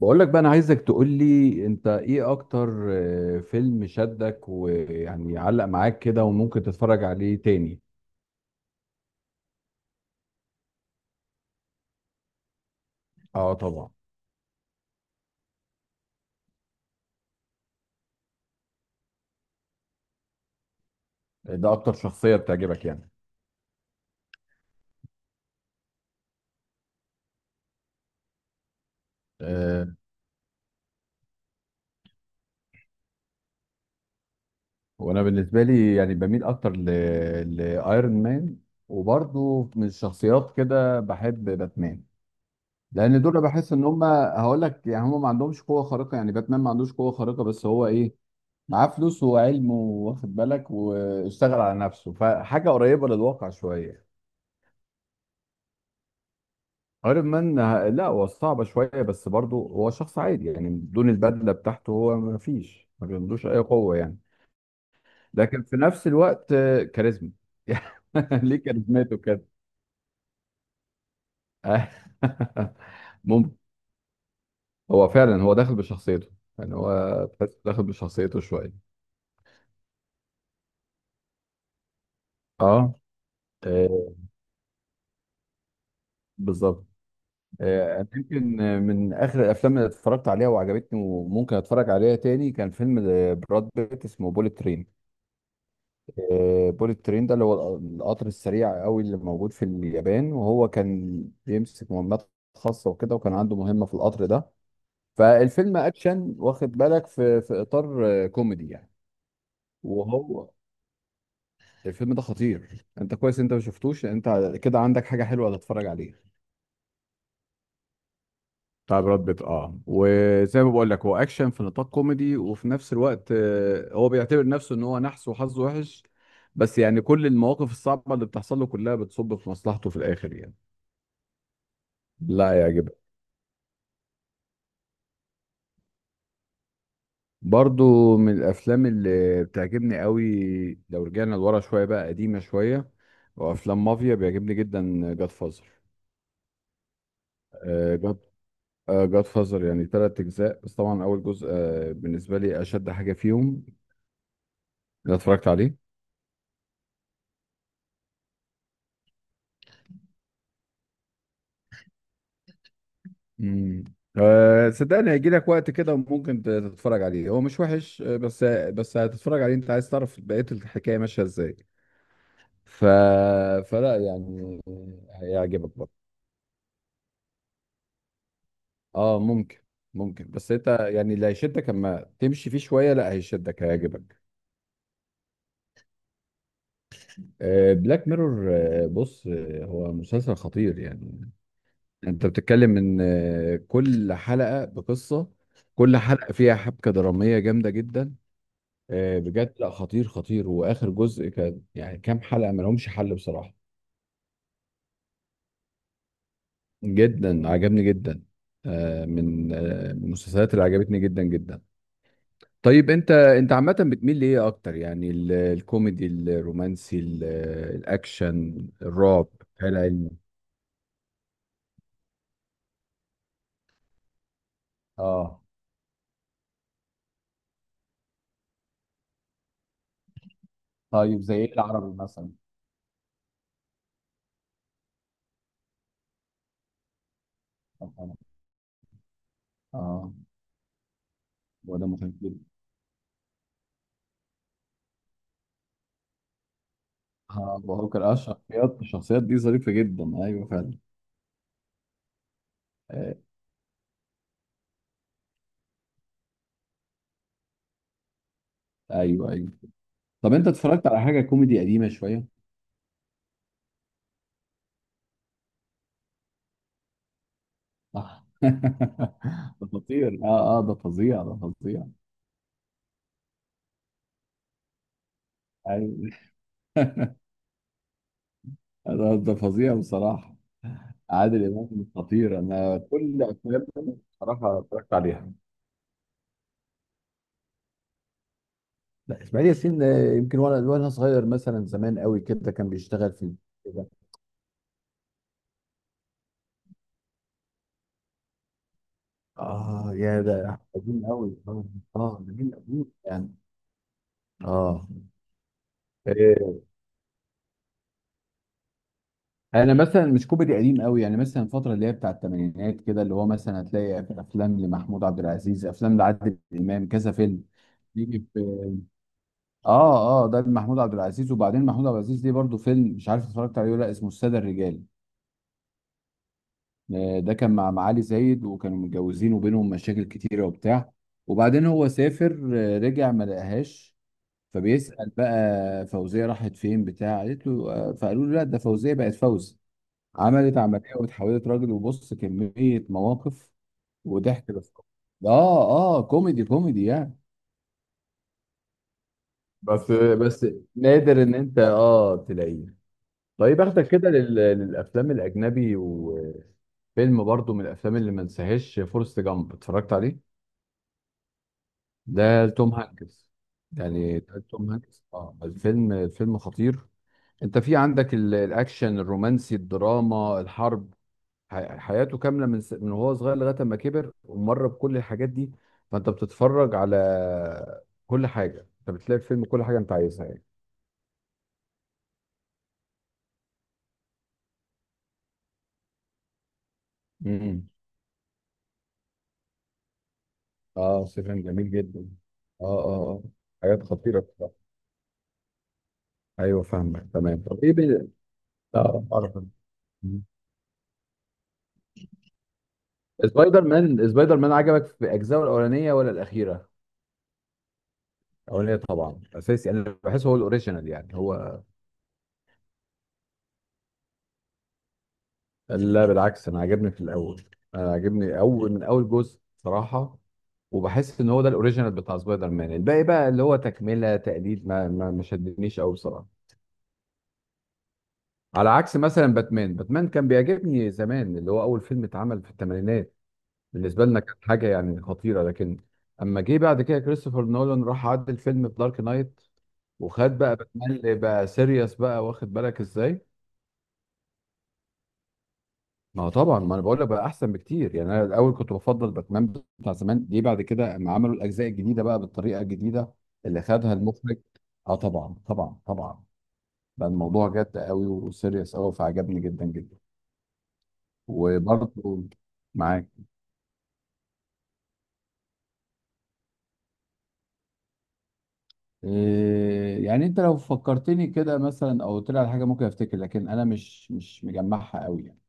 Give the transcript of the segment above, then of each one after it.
بقول لك بقى، انا عايزك تقول لي انت ايه اكتر فيلم شدك ويعني علق معاك كده وممكن تتفرج عليه تاني. اه طبعا. ده اكتر شخصيه بتعجبك يعني؟ أه. وانا بالنسبه لي يعني بميل اكتر ل... لايرون مان. وبرضه من الشخصيات كده بحب باتمان، لان دول بحس ان هم هقول لك يعني هم ما عندهمش قوه خارقه، يعني باتمان ما عندوش قوه خارقه، بس هو ايه؟ معاه فلوس وعلم، واخد بالك، واشتغل على نفسه، فحاجه قريبه للواقع شويه. ايرون مان لا هو صعبة شوية، بس برضه هو شخص عادي يعني، بدون البدلة بتاعته هو ما فيش ما بيمدوش أي قوة يعني. لكن في نفس الوقت كاريزما. ليه كاريزماته كده؟ آه. ممكن. هو فعلا هو داخل بشخصيته. يعني هو تحس داخل بشخصيته شوية. اه. آه، بالظبط. أنا يمكن من آخر الأفلام اللي اتفرجت عليها وعجبتني وممكن أتفرج عليها تاني كان فيلم براد بيت، اسمه بوليت ترين. بوليت ترين ده اللي هو القطر السريع قوي اللي موجود في اليابان، وهو كان بيمسك مهمات خاصة وكده، وكان عنده مهمة في القطر ده. فالفيلم اكشن، واخد بالك، في اطار كوميدي يعني. وهو الفيلم ده خطير، انت كويس انت ما شفتوش. انت كده عندك حاجة حلوة تتفرج عليها. بتاع براد بيت، اه، وزي ما بقول لك هو اكشن في نطاق كوميدي، وفي نفس الوقت هو بيعتبر نفسه ان هو نحس وحظه وحش، بس يعني كل المواقف الصعبة اللي بتحصل له كلها بتصب في مصلحته في الاخر يعني. لا يعجبك. برضو من الافلام اللي بتعجبني قوي، لو رجعنا لورا شويه بقى قديمه شويه، وافلام مافيا بيعجبني جدا جاد فازر. جاد جاد فازر يعني ثلاث اجزاء، بس طبعا اول جزء بالنسبه لي اشد حاجه فيهم اللي اتفرجت عليه. امم أه صدقني، هيجي لك وقت كده ممكن تتفرج عليه، هو مش وحش بس هتتفرج عليه انت عايز تعرف بقيه الحكايه ماشيه ازاي. ف فلا يعني، هيعجبك برضه. اه ممكن. ممكن، بس انت يعني اللي هيشدك، اما تمشي فيه شويه لا هيشدك هيعجبك. آه بلاك ميرور، بص هو مسلسل خطير يعني. انت بتتكلم ان كل حلقه بقصه، كل حلقه فيها حبكه دراميه جامده جدا. بجد لا خطير خطير، واخر جزء كان يعني كام حلقه ما لهمش حل بصراحه. جدا، عجبني جدا. آه من المسلسلات اللي عجبتني جدا جدا. طيب انت عامة بتميل لإيه أكتر يعني؟ الكوميدي، الرومانسي، الأكشن، الرعب، خيال علمي. اه. طيب زي ايه العربي مثلا؟ اه آه، هو ده مخيف جدا. اه بفكر، الشخصيات دي ظريفة جدا، ايوه فعلا. آه، ايوه ايوه. طب انت اتفرجت على حاجة كوميدي قديمة شوية؟ آه. ده خطير، اه اه ده فظيع ده فظيع. ايوه. ده ده فظيع بصراحة. عادل امام خطير، انا كل افلامه بصراحه اتفرجت عليها. لا، اسماعيل ياسين يمكن وانا صغير مثلا زمان قوي كده كان بيشتغل في كده. اه، يا ده قديم قوي اه. ده جيل قديم يعني. اه. إيه،. انا مثلا مش كوميدي قديم قوي يعني، مثلا الفتره اللي هي بتاع الثمانينات كده، اللي هو مثلا هتلاقي افلام لمحمود عبد العزيز، افلام لعادل امام، كذا فيلم يجي في. اه اه، ده محمود عبد العزيز. وبعدين محمود عبد العزيز ليه برضه فيلم مش عارف اتفرجت عليه ولا لأ، اسمه الساده الرجال. ده كان مع معالي زايد، وكانوا متجوزين وبينهم مشاكل كتيرة وبتاع، وبعدين هو سافر رجع ما لقاهاش. فبيسأل بقى فوزية راحت فين بتاع، قالت له فقالوا له لا، ده فوزية بقت فوزي، عملت عملية واتحولت راجل. وبص كمية مواقف وضحك. بس اه اه كوميدي كوميدي يعني. بس نادر ان انت تلاقيه. طيب اخدك كده للافلام الاجنبي، وفيلم برضو من الافلام اللي ما انساهاش فورست جامب، اتفرجت عليه؟ ده توم هانكس. يعني ده توم هانكس، اه الفيلم، الفيلم خطير. انت في عندك الاكشن، الرومانسي، الدراما، الحرب، حياته كامله من من وهو صغير لغايه ما كبر ومر بكل الحاجات دي. فانت بتتفرج على كل حاجه، انت بتلاقي في الفيلم كل حاجه انت عايزها يعني. امم اه سيفن جميل جدا. اه اه اه. حاجات خطيره بصراحه. ايوه فاهمك تمام. طب ايه اه أعرف. مم. سبايدر مان، سبايدر مان عجبك في اجزائه الاولانيه ولا الاخيره؟ الاولاني طبعا اساسي، انا بحس هو الاوريجينال يعني هو. لا بالعكس، انا عجبني في الاول، انا عجبني اول من اول جزء صراحه، وبحس ان هو ده الاوريجينال بتاع سبايدر مان، الباقي بقى اللي هو تكمله تقليد، ما شدنيش قوي بصراحه. على عكس مثلا باتمان، باتمان كان بيعجبني زمان اللي هو اول فيلم اتعمل في الثمانينات، بالنسبه لنا كانت حاجه يعني خطيره، لكن اما جه بعد كده كريستوفر نولان راح عدل الفيلم في دارك نايت، وخد بقى باتمان اللي بقى سيريس بقى، واخد بالك ازاي. ما هو طبعا، ما انا بقول لك، بقى احسن بكتير يعني. انا الاول كنت بفضل باتمان بتاع زمان، ليه بعد كده اما عملوا الاجزاء الجديده بقى بالطريقه الجديده اللي خدها المخرج، اه طبعا طبعا طبعا، بقى الموضوع جد قوي وسيريس قوي فعجبني جدا جدا. وبرضه، معاك. إيه يعني، انت لو فكرتني كده مثلا او طلع على حاجه ممكن افتكر، لكن انا مش مجمعها قوي يعني.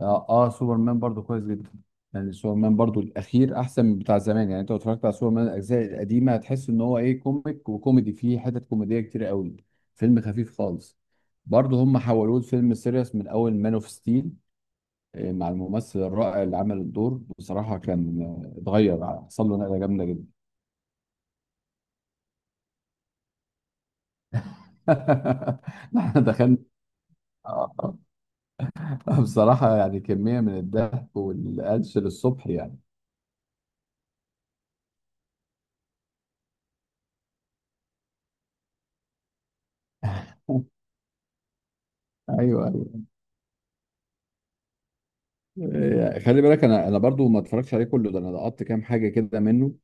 اه اه سوبرمان برضو كويس جدا. يعني سوبرمان برضو الاخير احسن من بتاع زمان يعني، انت لو اتفرجت على سوبرمان الاجزاء القديمه هتحس ان هو ايه، كوميك وكوميدي، فيه حتت كوميديه كتير قوي، فيلم خفيف خالص. برضو هم حولوه لفيلم سيريس من اول مان اوف ستيل، مع الممثل الرائع اللي عمل الدور بصراحه كان اتغير حصل له نقله جامده جدا. احنا دخلنا. آه، بصراحه يعني كميه من الضحك والقلش للصبح يعني. ايوه. خلي بالك انا برضو ما اتفرجتش عليه كله، ده انا لقطت كام حاجه كده منه.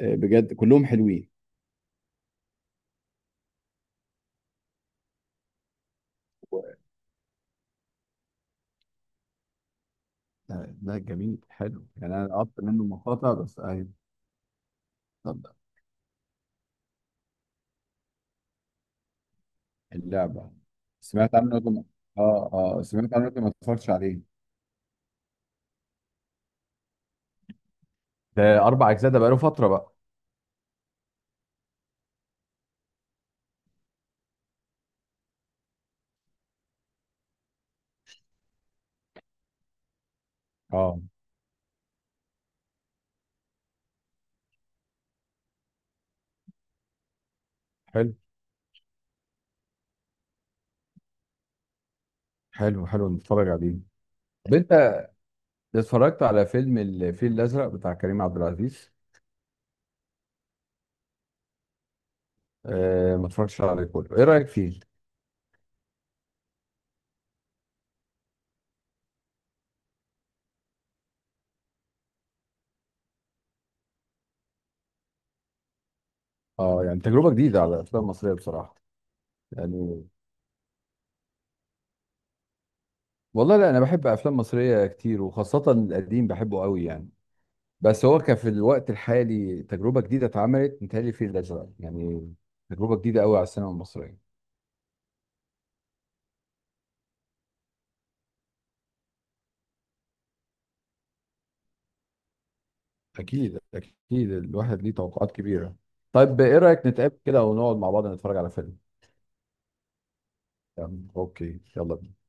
بجد كلهم حلوين. لا لا جميل، حلو يعني، انا لقطت منه مقاطع بس اهي. طب. اللعبه. سمعت عنه لكن، اه اه سمعت عنه لكن ما اتفرجتش عليه. ده اربع اجزاء، ده بقاله فتره بقى. اه. حلو. حلو حلو، نتفرج عليه. طب انت اتفرجت على فيلم الفيل الازرق بتاع كريم عبد العزيز؟ آه ما اتفرجتش عليه كله، ايه رايك فيه؟ اه يعني تجربه جديده على الافلام المصريه بصراحه. يعني والله لا، انا بحب افلام مصريه كتير وخاصه القديم بحبه قوي يعني، بس هو كان في الوقت الحالي تجربه جديده اتعملت متهيألي في الازرق يعني، تجربه جديده قوي على السينما المصريه. اكيد اكيد الواحد ليه توقعات كبيرة. طيب ايه رايك نتقابل كده ونقعد مع بعض نتفرج على فيلم؟ يعني اوكي، يلا بينا.